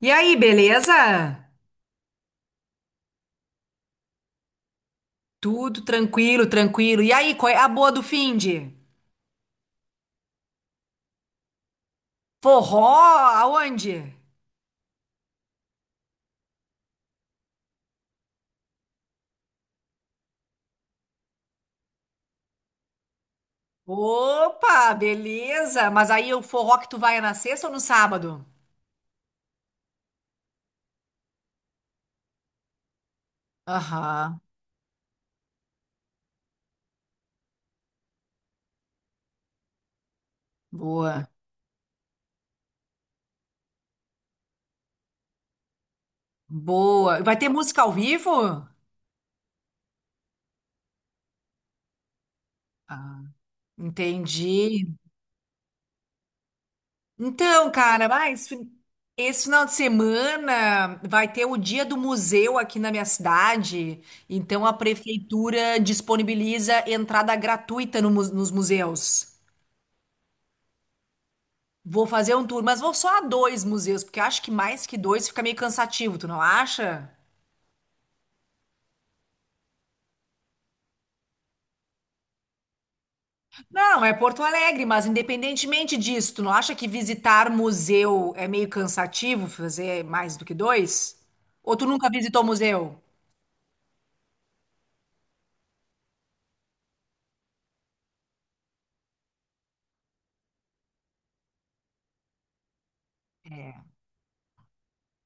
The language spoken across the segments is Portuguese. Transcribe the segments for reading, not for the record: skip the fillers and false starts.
E aí, beleza? Tudo tranquilo, tranquilo. E aí, qual é a boa do finde? Forró aonde? Opa, beleza. Mas aí o forró que tu vai é na sexta ou no sábado? Aham, boa, boa. Vai ter música ao vivo? Ah, entendi. Então, cara, mas esse final de semana vai ter o dia do museu aqui na minha cidade. Então, a prefeitura disponibiliza entrada gratuita no mu- nos museus. Vou fazer um tour, mas vou só a dois museus, porque acho que mais que dois fica meio cansativo, tu não acha? Não, é Porto Alegre, mas independentemente disso, tu não acha que visitar museu é meio cansativo, fazer mais do que dois? Ou tu nunca visitou museu?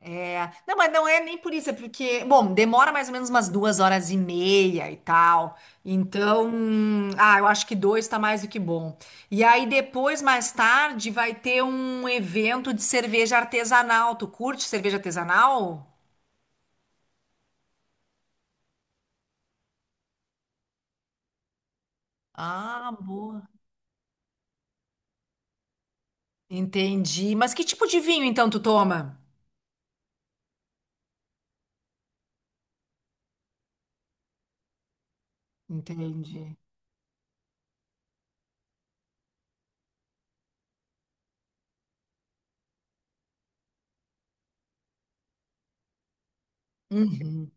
É, não, mas não é nem por isso, é porque, bom, demora mais ou menos umas duas horas e meia e tal. Então, eu acho que dois tá mais do que bom. E aí depois, mais tarde, vai ter um evento de cerveja artesanal. Tu curte cerveja artesanal? Ah, boa. Entendi. Mas que tipo de vinho então tu toma? Entendi. Uhum.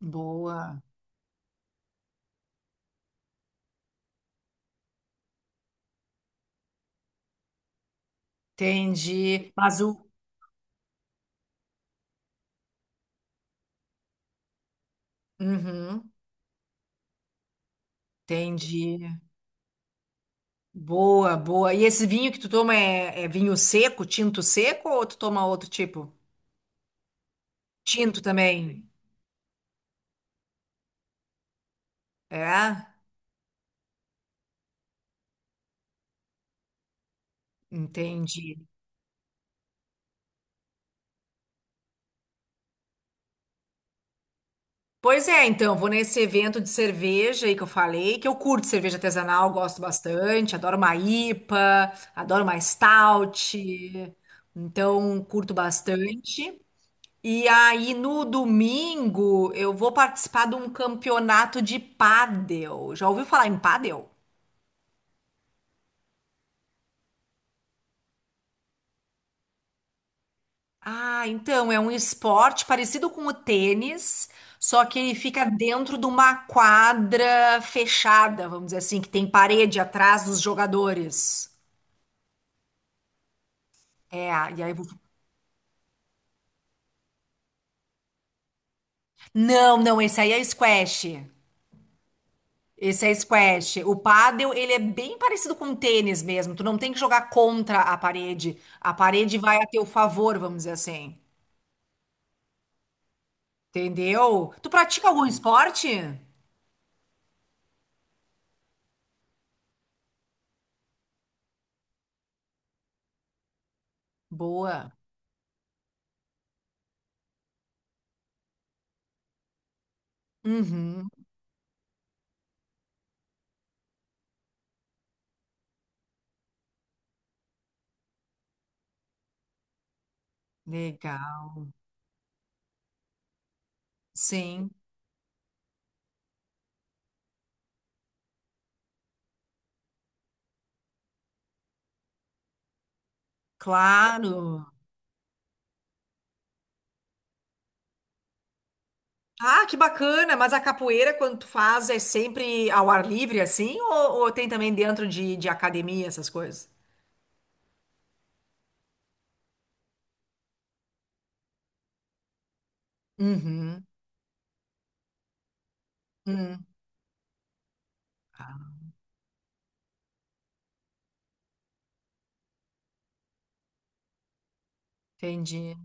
Boa. Entendi. Mas o. Uhum. Entendi. Boa, boa. E esse vinho que tu toma é, é vinho seco, tinto seco, ou tu toma outro tipo? Tinto também. É? Entendi. Pois é, então, vou nesse evento de cerveja aí que eu falei, que eu curto cerveja artesanal, gosto bastante, adoro uma IPA, adoro uma stout, então curto bastante. E aí no domingo eu vou participar de um campeonato de pádel. Já ouviu falar em pádel? Ah, então é um esporte parecido com o tênis, só que ele fica dentro de uma quadra fechada, vamos dizer assim, que tem parede atrás dos jogadores. É, e aí... Não, não, esse aí é squash. Esse é squash. O pádel, ele é bem parecido com o tênis mesmo. Tu não tem que jogar contra a parede. A parede vai a teu favor, vamos dizer assim. Entendeu? Tu pratica algum esporte? Boa. Uhum. Legal. Sim. Claro. Ah, que bacana! Mas a capoeira, quando tu faz, é sempre ao ar livre, assim? Ou, tem também dentro de academia essas coisas? Uhum, uhum, entendi.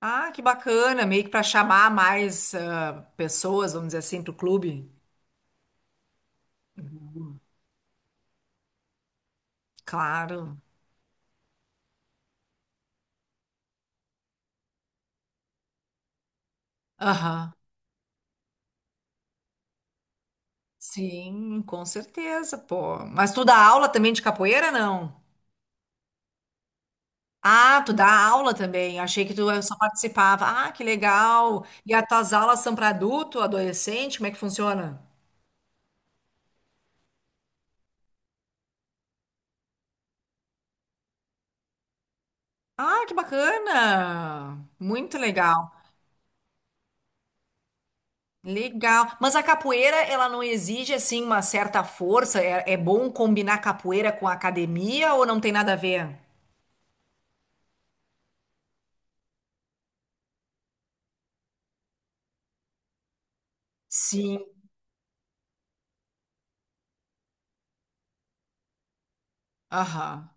Ah, que bacana! Meio que para chamar mais pessoas, vamos dizer assim, pro clube. Claro. Aham. Sim, com certeza, pô. Mas tu dá aula também de capoeira, não? Ah, tu dá aula também. Achei que tu só participava. Ah, que legal. E as tuas aulas são para adulto, adolescente? Como é que funciona? Ah, que bacana. Muito legal. Legal. Mas a capoeira, ela não exige assim uma certa força? É, é bom combinar capoeira com academia ou não tem nada a ver? Sim. Aham.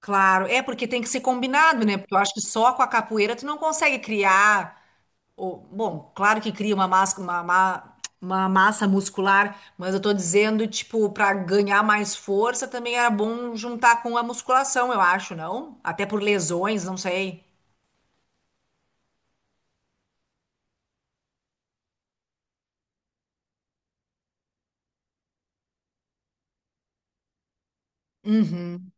Claro. É porque tem que ser combinado, né? Porque eu acho que só com a capoeira tu não consegue criar bom, claro que cria uma massa, uma massa muscular, mas eu tô dizendo, tipo, para ganhar mais força também era bom juntar com a musculação, eu acho, não? Até por lesões, não sei. Uhum,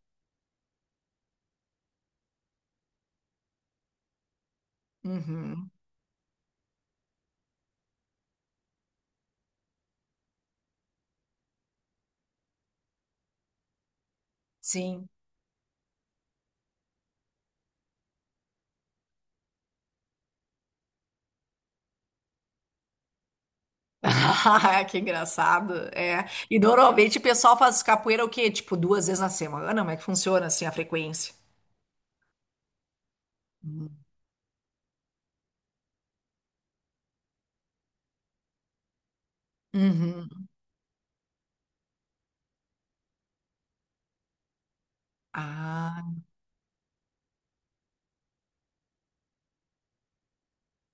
uhum, sim. Que engraçado, é. E normalmente o pessoal faz capoeira o quê? Tipo, duas vezes na semana? Como é que funciona, assim, a frequência? Uhum. Ah,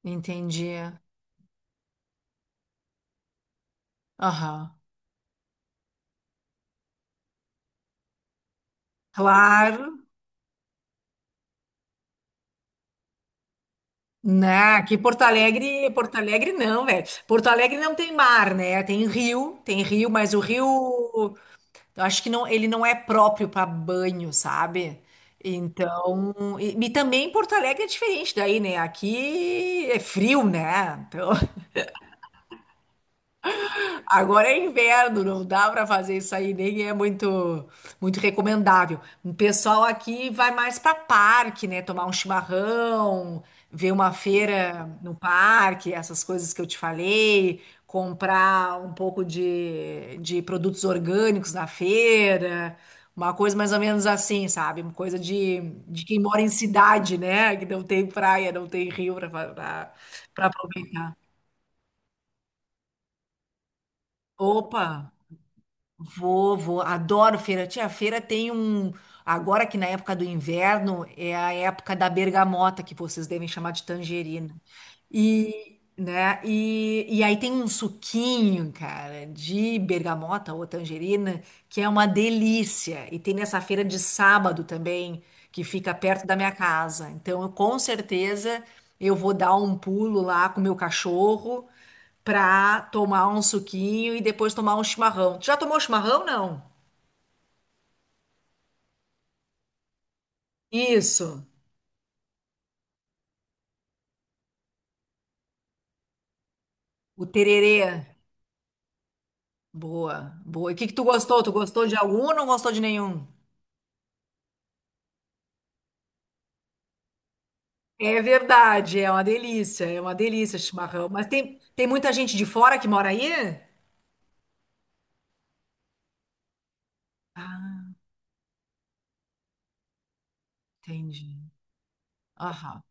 entendi. Aham. Claro. Não, aqui Porto Alegre, Porto Alegre não, velho. Porto Alegre não tem mar, né? Tem rio, mas eu acho que não, ele não é próprio para banho, sabe? Então, e também Porto Alegre é diferente daí, né? Aqui é frio, né? Então, Agora é inverno, não dá para fazer isso aí, nem é muito recomendável. O pessoal aqui vai mais para parque, né? Tomar um chimarrão, ver uma feira no parque, essas coisas que eu te falei, comprar um pouco de produtos orgânicos na feira, uma coisa mais ou menos assim, sabe? Uma coisa de quem mora em cidade, né? Que não tem praia, não tem rio para aproveitar. Opa! Vou, vou, adoro feira. Tia, a feira tem um. Agora que na época do inverno é a época da bergamota, que vocês devem chamar de tangerina. E, né? E aí tem um suquinho, cara, de bergamota ou tangerina, que é uma delícia. E tem nessa feira de sábado também, que fica perto da minha casa. Então, eu, com certeza, eu vou dar um pulo lá com o meu cachorro pra tomar um suquinho e depois tomar um chimarrão. Tu já tomou chimarrão, não? Isso, o tererê. Boa, boa. E o que que tu gostou? Tu gostou de algum ou não gostou de nenhum? É verdade, é uma delícia chimarrão. Mas tem muita gente de fora que mora aí? Ah, entendi. Aham,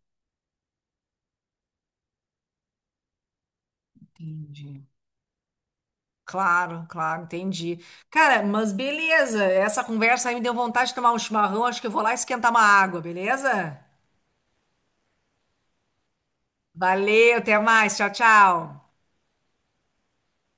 entendi. Claro, claro, entendi. Cara, mas beleza, essa conversa aí me deu vontade de tomar um chimarrão, acho que eu vou lá esquentar uma água, beleza? Valeu, até mais, tchau, tchau.